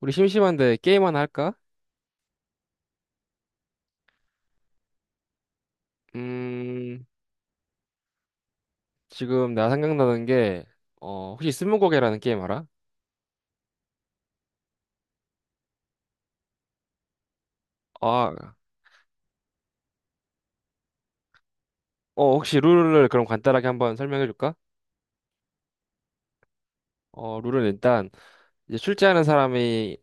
우리 심심한데 게임 하나 할까? 음, 지금 나 생각나는 게, 혹시 스무고개라는 게임 알아? 아, 혹시 룰을 그럼 간단하게 한번 설명해 줄까? 룰은 일단, 이제 출제하는 사람이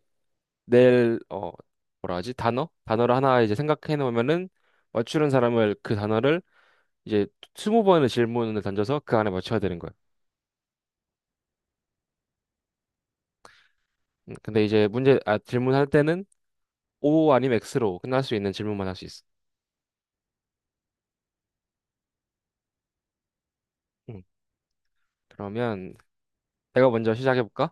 낼, 어, 뭐라 하지? 단어? 단어를 하나 이제 생각해 놓으면은, 맞추는 사람을 그 단어를 이제 20번의 질문을 던져서 그 안에 맞춰야 되는 거야. 근데 이제 질문할 때는 O 아니면 X로 끝날 수 있는 질문만 할 수 있어. 음, 그러면 내가 먼저 시작해 볼까?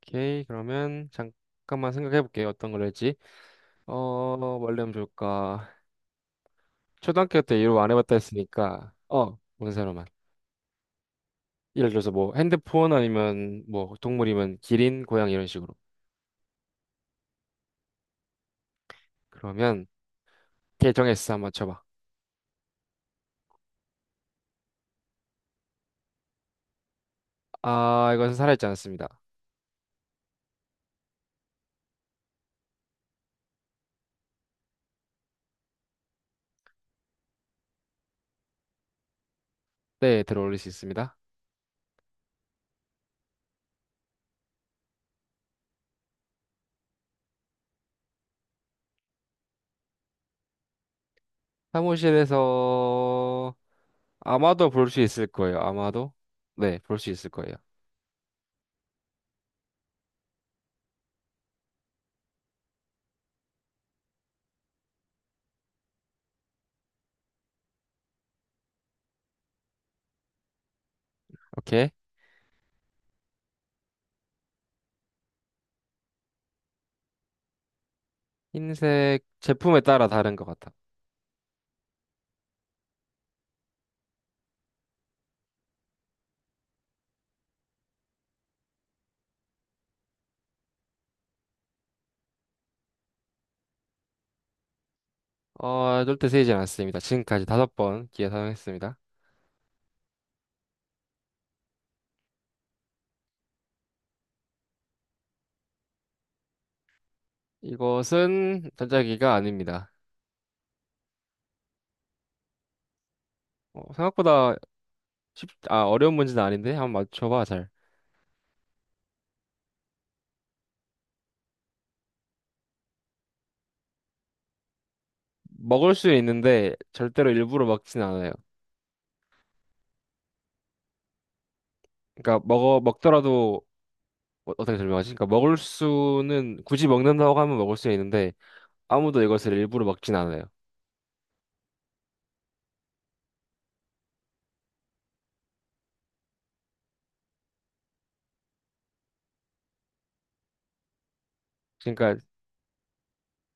오케이, 그러면 잠깐만 생각해 볼게요. 어떤 걸 할지. 뭘 하면 좋을까? 초등학교 때 이런 거안 해봤다 했으니까, 뭔 사람만. 예를 들어서 뭐 핸드폰 아니면 뭐 동물이면 기린, 고양 이런 식으로. 그러면 계정에서 한번 쳐봐. 아, 이것은 살아있지 않습니다. 네, 들어올릴 수 있습니다. 사무실에서 아마도 볼 수 있을 거예요. 아마도. 네, 볼 수 있을 거예요. 오케이. 흰색 제품에 따라 다른 것 같아. 절대 세이지 않았습니다. 지금까지 5번 기회 사용했습니다. 이것은 전자기가 아닙니다. 생각보다 어려운 문제는 아닌데 한번 맞춰봐, 잘. 먹을 수 있는데 절대로 일부러 먹진 않아요. 그러니까 먹어 먹더라도 어떻게 설명하지? 그러니까 먹을 수는 굳이 먹는다고 하면 먹을 수 있는데 아무도 이것을 일부러 먹진 않아요. 그러니까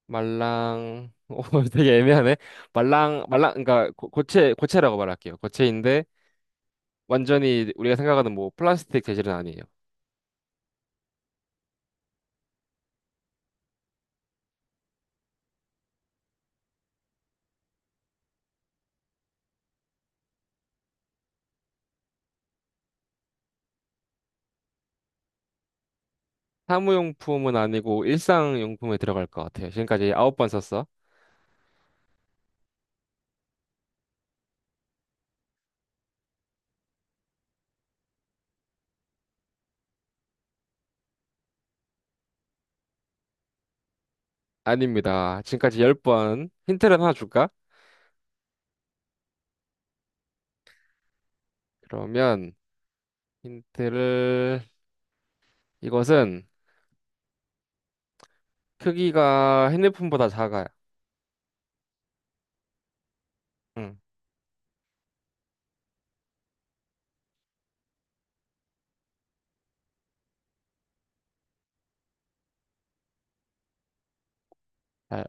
말랑 오 되게 애매하네. 말랑 말랑 그러니까 고체 고체라고 말할게요. 고체인데 완전히 우리가 생각하는 뭐 플라스틱 재질은 아니에요. 사무용품은 아니고 일상용품에 들어갈 것 같아요. 지금까지 9번 썼어? 아닙니다. 지금까지 10번. 힌트를 하나 줄까? 그러면 힌트를 이것은 크기가 핸드폰보다 작아요. 응. 잘,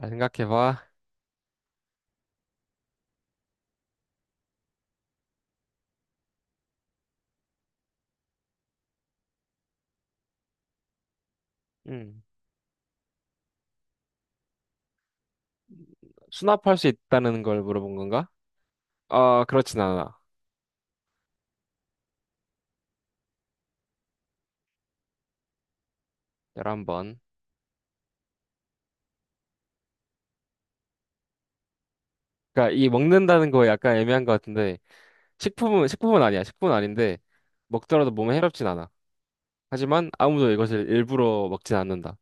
잘 생각해봐. 응. 수납할 수 있다는 걸 물어본 건가? 아, 그렇진 않아. 11번. 그러니까 이 먹는다는 거 약간 애매한 것 같은데 식품은 아니야. 식품은 아닌데 먹더라도 몸에 해롭진 않아. 하지만 아무도 이것을 일부러 먹진 않는다.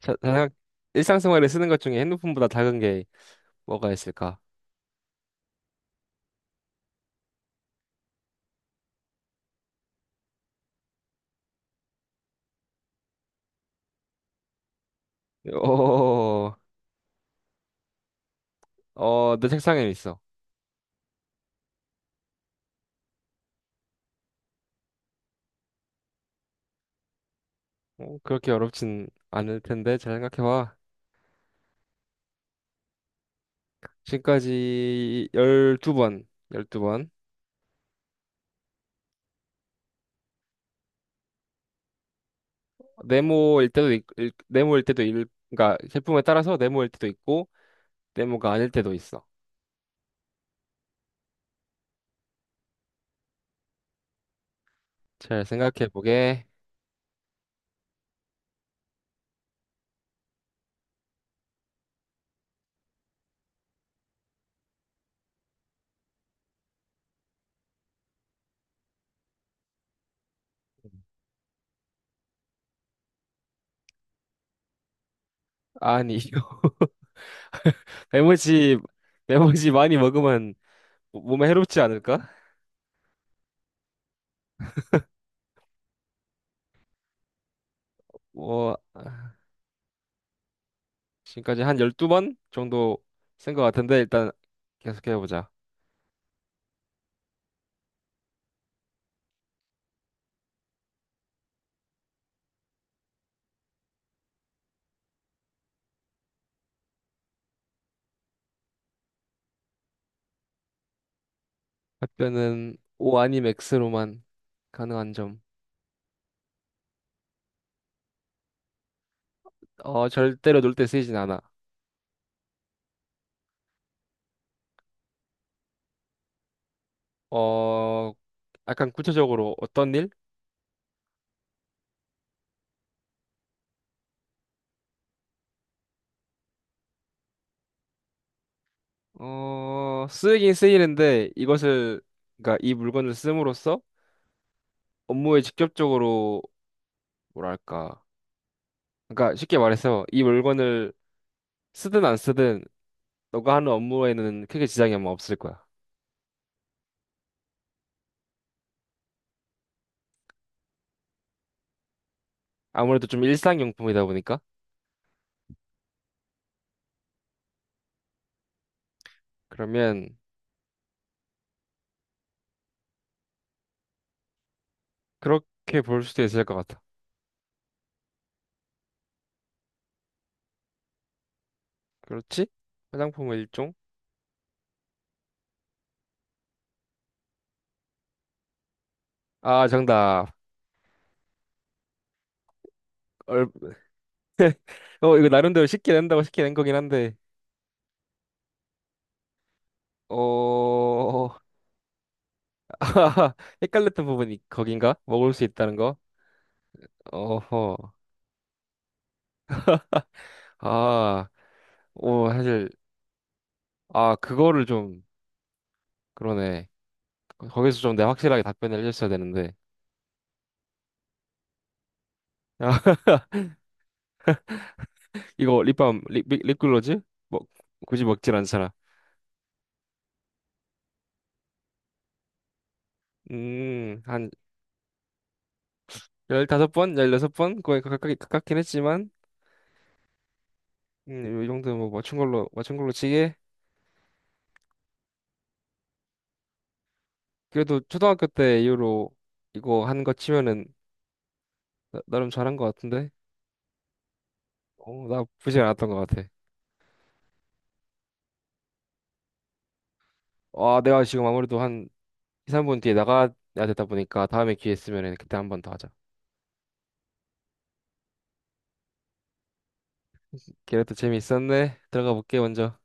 자, 자, 일상생활에 쓰는 것 중에 핸드폰보다 작은 게 뭐가 있을까? 어, 내 책상에 있어. 그렇게 어렵진 않을 텐데 잘 생각해봐. 지금까지 12번, 열두 번 네모일 때도 있, 읽- 네모일 때도 읽, 그러니까 제품에 따라서 네모일 때도 있고 네모가 아닐 때도 있어. 잘 생각해보게. 아니, 메모지, 메모지 많이 먹으면 몸에 해롭지 않을까? 뭐 지금까지 한 12번 정도 쓴 것 같은데 일단 계속해보자. 답변은 O 아님 X로만 가능한 점. 절대로 놀 때 쓰이진 않아. 어, 약간 구체적으로 어떤 일? 쓰이긴 쓰이는데 그러니까 이 물건을 씀으로써 업무에 직접적으로 뭐랄까. 그러니까 쉽게 말해서 이 물건을 쓰든 안 쓰든 너가 하는 업무에는 크게 지장이 아마 없을 거야. 아무래도 좀 일상용품이다 보니까. 그러면 그렇게 볼 수도 있을 것 같아. 그렇지? 화장품의 일종? 아, 정답. 얼... 이거 나름대로 쉽게 낸다고 쉽게 낸 거긴 한데, 어, 헷갈렸던 부분이 거긴가? 먹을 수 있다는 거? 어허. 아, 사실, 아, 그거를 좀, 그러네. 거기서 좀 내가 확실하게 답변을 해줬어야 되는데. 아, 이거 립글로즈? 먹, 굳이 먹질 않잖아. 한 15번, 16번? 거의 가깝긴 했지만, 이 정도 뭐 맞춘 걸로 치게. 그래도 초등학교 때 이후로 이거 한 거 치면은 름 잘한 거 같은데. 나 부진 않았던 거 같아. 내가 지금 아무래도 한 2, 3분 뒤에 나가야 되다 보니까 다음에 기회 있으면은 그때 한 번 더 하자. 그래도 재미있었네. 들어가 볼게 먼저.